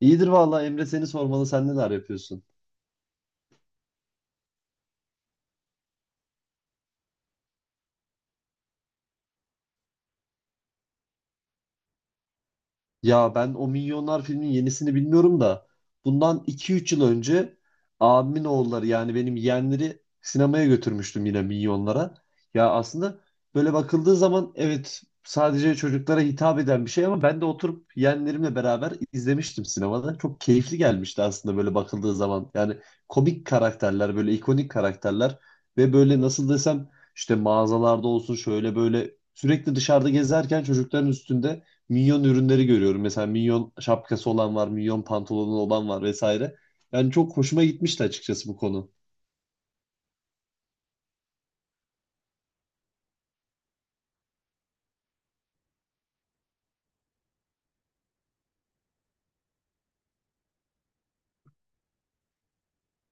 İyidir vallahi Emre seni sormalı. Sen neler yapıyorsun? Ya ben o Minyonlar filminin yenisini bilmiyorum da bundan 2 3 yıl önce abimin oğulları yani benim yeğenleri sinemaya götürmüştüm yine Minyonlara. Ya aslında böyle bakıldığı zaman evet sadece çocuklara hitap eden bir şey ama ben de oturup yeğenlerimle beraber izlemiştim sinemada. Çok keyifli gelmişti aslında böyle bakıldığı zaman. Yani komik karakterler böyle ikonik karakterler ve böyle nasıl desem işte mağazalarda olsun şöyle böyle sürekli dışarıda gezerken çocukların üstünde Minyon ürünleri görüyorum. Mesela minyon şapkası olan var, minyon pantolonu olan var vesaire. Yani çok hoşuma gitmişti açıkçası bu konu.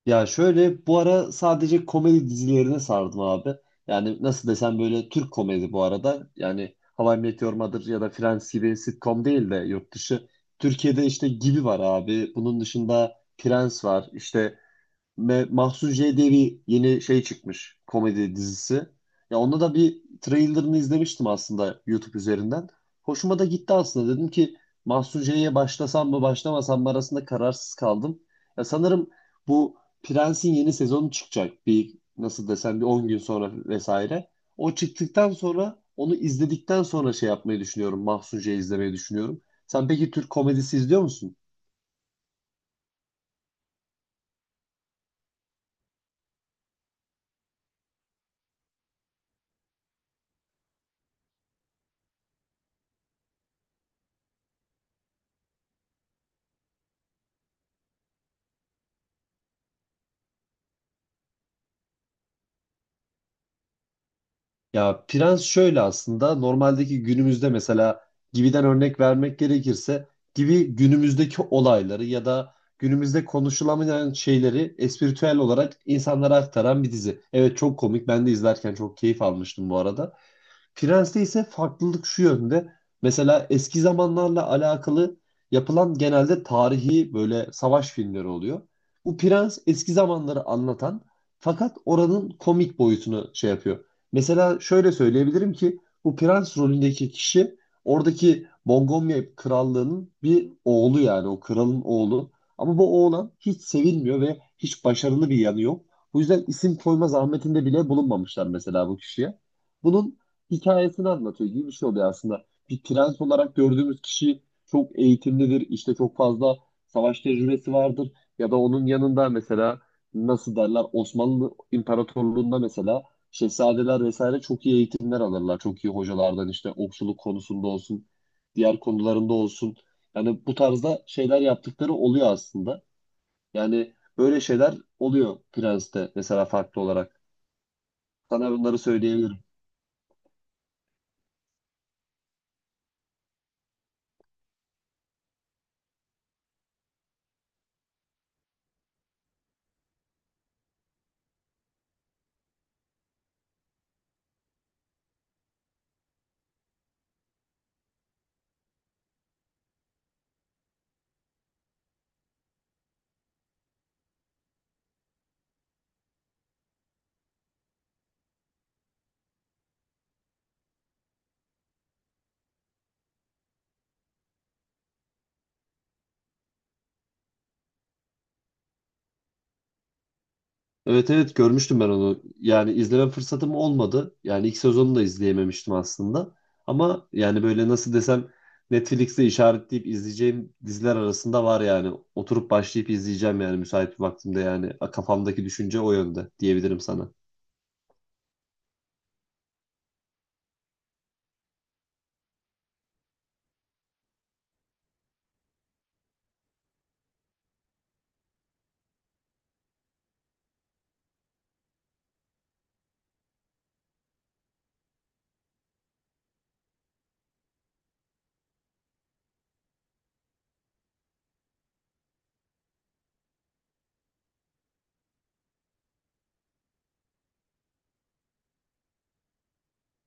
Ya şöyle bu ara sadece komedi dizilerine sardım abi. Yani nasıl desem böyle Türk komedi bu arada. Yani How I Met Your Mother ya da Friends gibi sitcom değil de yurt dışı. Türkiye'de işte Gibi var abi. Bunun dışında Prens var. İşte Mahsun J. diye yeni şey çıkmış komedi dizisi. Ya onda da bir trailerını izlemiştim aslında YouTube üzerinden. Hoşuma da gitti aslında. Dedim ki Mahsun J'ye başlasam mı başlamasam mı arasında kararsız kaldım. Ya sanırım bu Prens'in yeni sezonu çıkacak. Bir nasıl desem bir 10 gün sonra vesaire. O çıktıktan sonra onu izledikten sonra şey yapmayı düşünüyorum. Mahsun J'yi izlemeyi düşünüyorum. Sen peki Türk komedisi izliyor musun? Ya prens şöyle aslında normaldeki günümüzde mesela Gibi'den örnek vermek gerekirse Gibi günümüzdeki olayları ya da günümüzde konuşulamayan şeyleri espritüel olarak insanlara aktaran bir dizi. Evet çok komik ben de izlerken çok keyif almıştım bu arada. Prens'te ise farklılık şu yönde. Mesela eski zamanlarla alakalı yapılan genelde tarihi böyle savaş filmleri oluyor. Bu Prens eski zamanları anlatan fakat oranın komik boyutunu şey yapıyor. Mesela şöyle söyleyebilirim ki bu Prens rolündeki kişi oradaki Montgomery krallığının bir oğlu yani o kralın oğlu. Ama bu oğlan hiç sevilmiyor ve hiç başarılı bir yanı yok. Bu yüzden isim koyma zahmetinde bile bulunmamışlar mesela bu kişiye. Bunun hikayesini anlatıyor gibi bir şey oluyor aslında. Bir prens olarak gördüğümüz kişi çok eğitimlidir, işte çok fazla savaş tecrübesi vardır ya da onun yanında mesela nasıl derler Osmanlı İmparatorluğu'nda mesela şehzadeler vesaire çok iyi eğitimler alırlar. Çok iyi hocalardan işte okçuluk konusunda olsun, diğer konularında olsun. Yani bu tarzda şeyler yaptıkları oluyor aslında. Yani böyle şeyler oluyor Prens'te mesela farklı olarak. Sana bunları söyleyebilirim. Evet, evet görmüştüm ben onu. Yani izleme fırsatım olmadı. Yani ilk sezonunu da izleyememiştim aslında. Ama yani böyle nasıl desem Netflix'te işaretleyip izleyeceğim diziler arasında var yani. Oturup başlayıp izleyeceğim yani müsait bir vaktimde yani. Kafamdaki düşünce o yönde diyebilirim sana.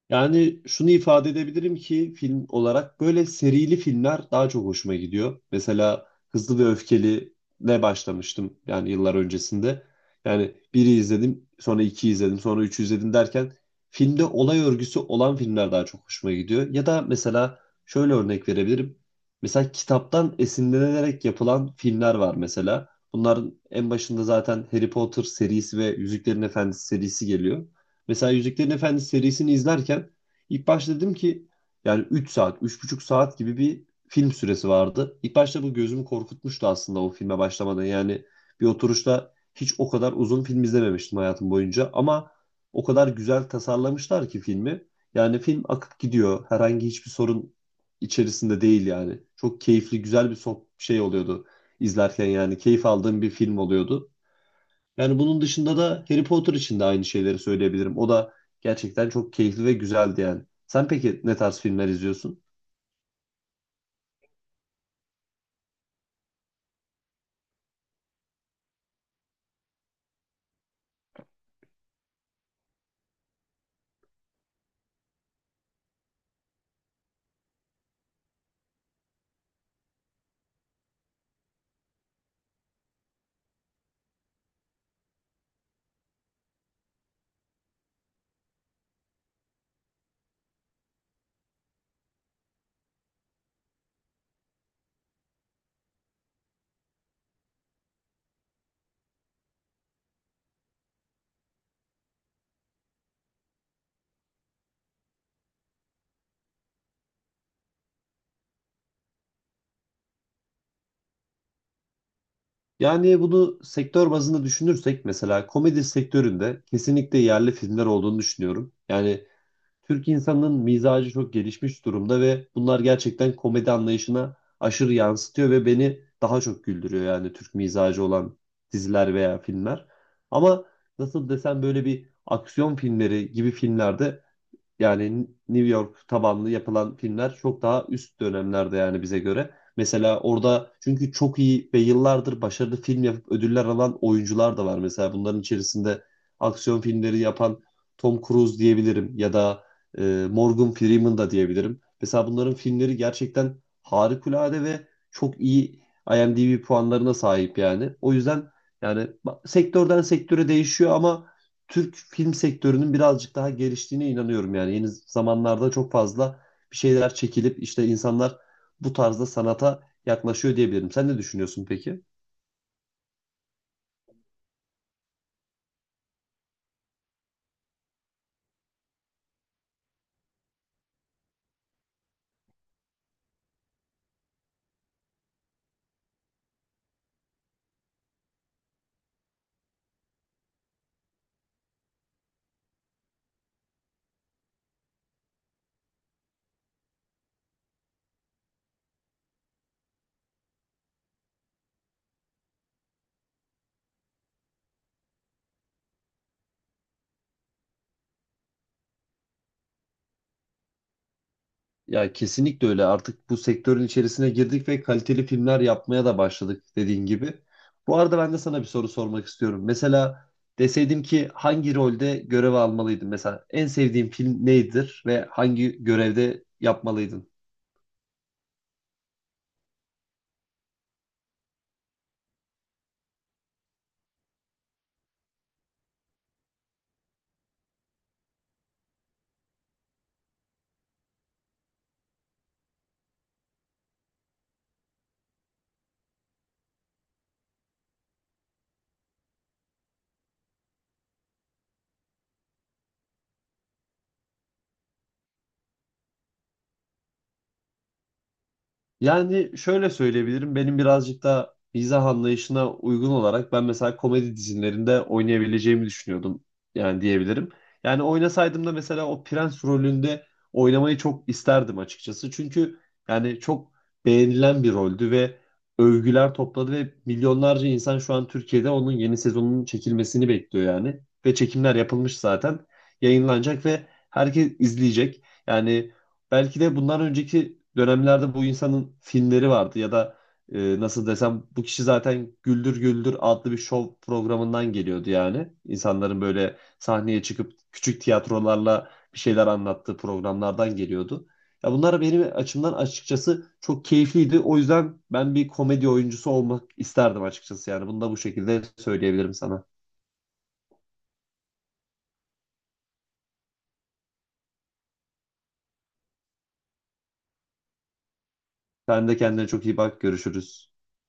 Yani şunu ifade edebilirim ki film olarak böyle serili filmler daha çok hoşuma gidiyor. Mesela Hızlı ve Öfkeli ne başlamıştım yani yıllar öncesinde. Yani biri izledim, sonra iki izledim, sonra üç izledim derken filmde olay örgüsü olan filmler daha çok hoşuma gidiyor. Ya da mesela şöyle örnek verebilirim. Mesela kitaptan esinlenerek yapılan filmler var mesela. Bunların en başında zaten Harry Potter serisi ve Yüzüklerin Efendisi serisi geliyor. Mesela Yüzüklerin Efendisi serisini izlerken ilk başta dedim ki yani 3 saat, 3,5 saat gibi bir film süresi vardı. İlk başta bu gözümü korkutmuştu aslında o filme başlamadan. Yani bir oturuşta hiç o kadar uzun film izlememiştim hayatım boyunca ama o kadar güzel tasarlamışlar ki filmi. Yani film akıp gidiyor. Herhangi hiçbir sorun içerisinde değil yani. Çok keyifli, güzel bir şey oluyordu izlerken yani keyif aldığım bir film oluyordu. Yani bunun dışında da Harry Potter için de aynı şeyleri söyleyebilirim. O da gerçekten çok keyifli ve güzeldi yani. Sen peki ne tarz filmler izliyorsun? Yani bunu sektör bazında düşünürsek mesela komedi sektöründe kesinlikle yerli filmler olduğunu düşünüyorum. Yani Türk insanının mizacı çok gelişmiş durumda ve bunlar gerçekten komedi anlayışına aşırı yansıtıyor ve beni daha çok güldürüyor yani Türk mizacı olan diziler veya filmler. Ama nasıl desem böyle bir aksiyon filmleri gibi filmlerde yani New York tabanlı yapılan filmler çok daha üst dönemlerde yani bize göre. Mesela orada çünkü çok iyi ve yıllardır başarılı film yapıp ödüller alan oyuncular da var. Mesela bunların içerisinde aksiyon filmleri yapan Tom Cruise diyebilirim ya da Morgan Freeman da diyebilirim. Mesela bunların filmleri gerçekten harikulade ve çok iyi IMDb puanlarına sahip yani. O yüzden yani sektörden sektöre değişiyor ama Türk film sektörünün birazcık daha geliştiğine inanıyorum yani. Yeni zamanlarda çok fazla bir şeyler çekilip işte insanlar bu tarzda sanata yaklaşıyor diyebilirim. Sen ne düşünüyorsun peki? Ya kesinlikle öyle. Artık bu sektörün içerisine girdik ve kaliteli filmler yapmaya da başladık dediğin gibi. Bu arada ben de sana bir soru sormak istiyorum. Mesela deseydim ki hangi rolde görev almalıydın? Mesela en sevdiğin film nedir ve hangi görevde yapmalıydın? Yani şöyle söyleyebilirim. Benim birazcık da mizah anlayışına uygun olarak ben mesela komedi dizilerinde oynayabileceğimi düşünüyordum. Yani diyebilirim. Yani oynasaydım da mesela o prens rolünde oynamayı çok isterdim açıkçası. Çünkü yani çok beğenilen bir roldü ve övgüler topladı ve milyonlarca insan şu an Türkiye'de onun yeni sezonunun çekilmesini bekliyor yani. Ve çekimler yapılmış zaten. Yayınlanacak ve herkes izleyecek. Yani belki de bundan önceki dönemlerde bu insanın filmleri vardı ya da nasıl desem bu kişi zaten Güldür Güldür adlı bir şov programından geliyordu yani. İnsanların böyle sahneye çıkıp küçük tiyatrolarla bir şeyler anlattığı programlardan geliyordu. Ya bunlar benim açımdan açıkçası çok keyifliydi. O yüzden ben bir komedi oyuncusu olmak isterdim açıkçası yani. Bunu da bu şekilde söyleyebilirim sana. Sen de kendine çok iyi bak. Görüşürüz.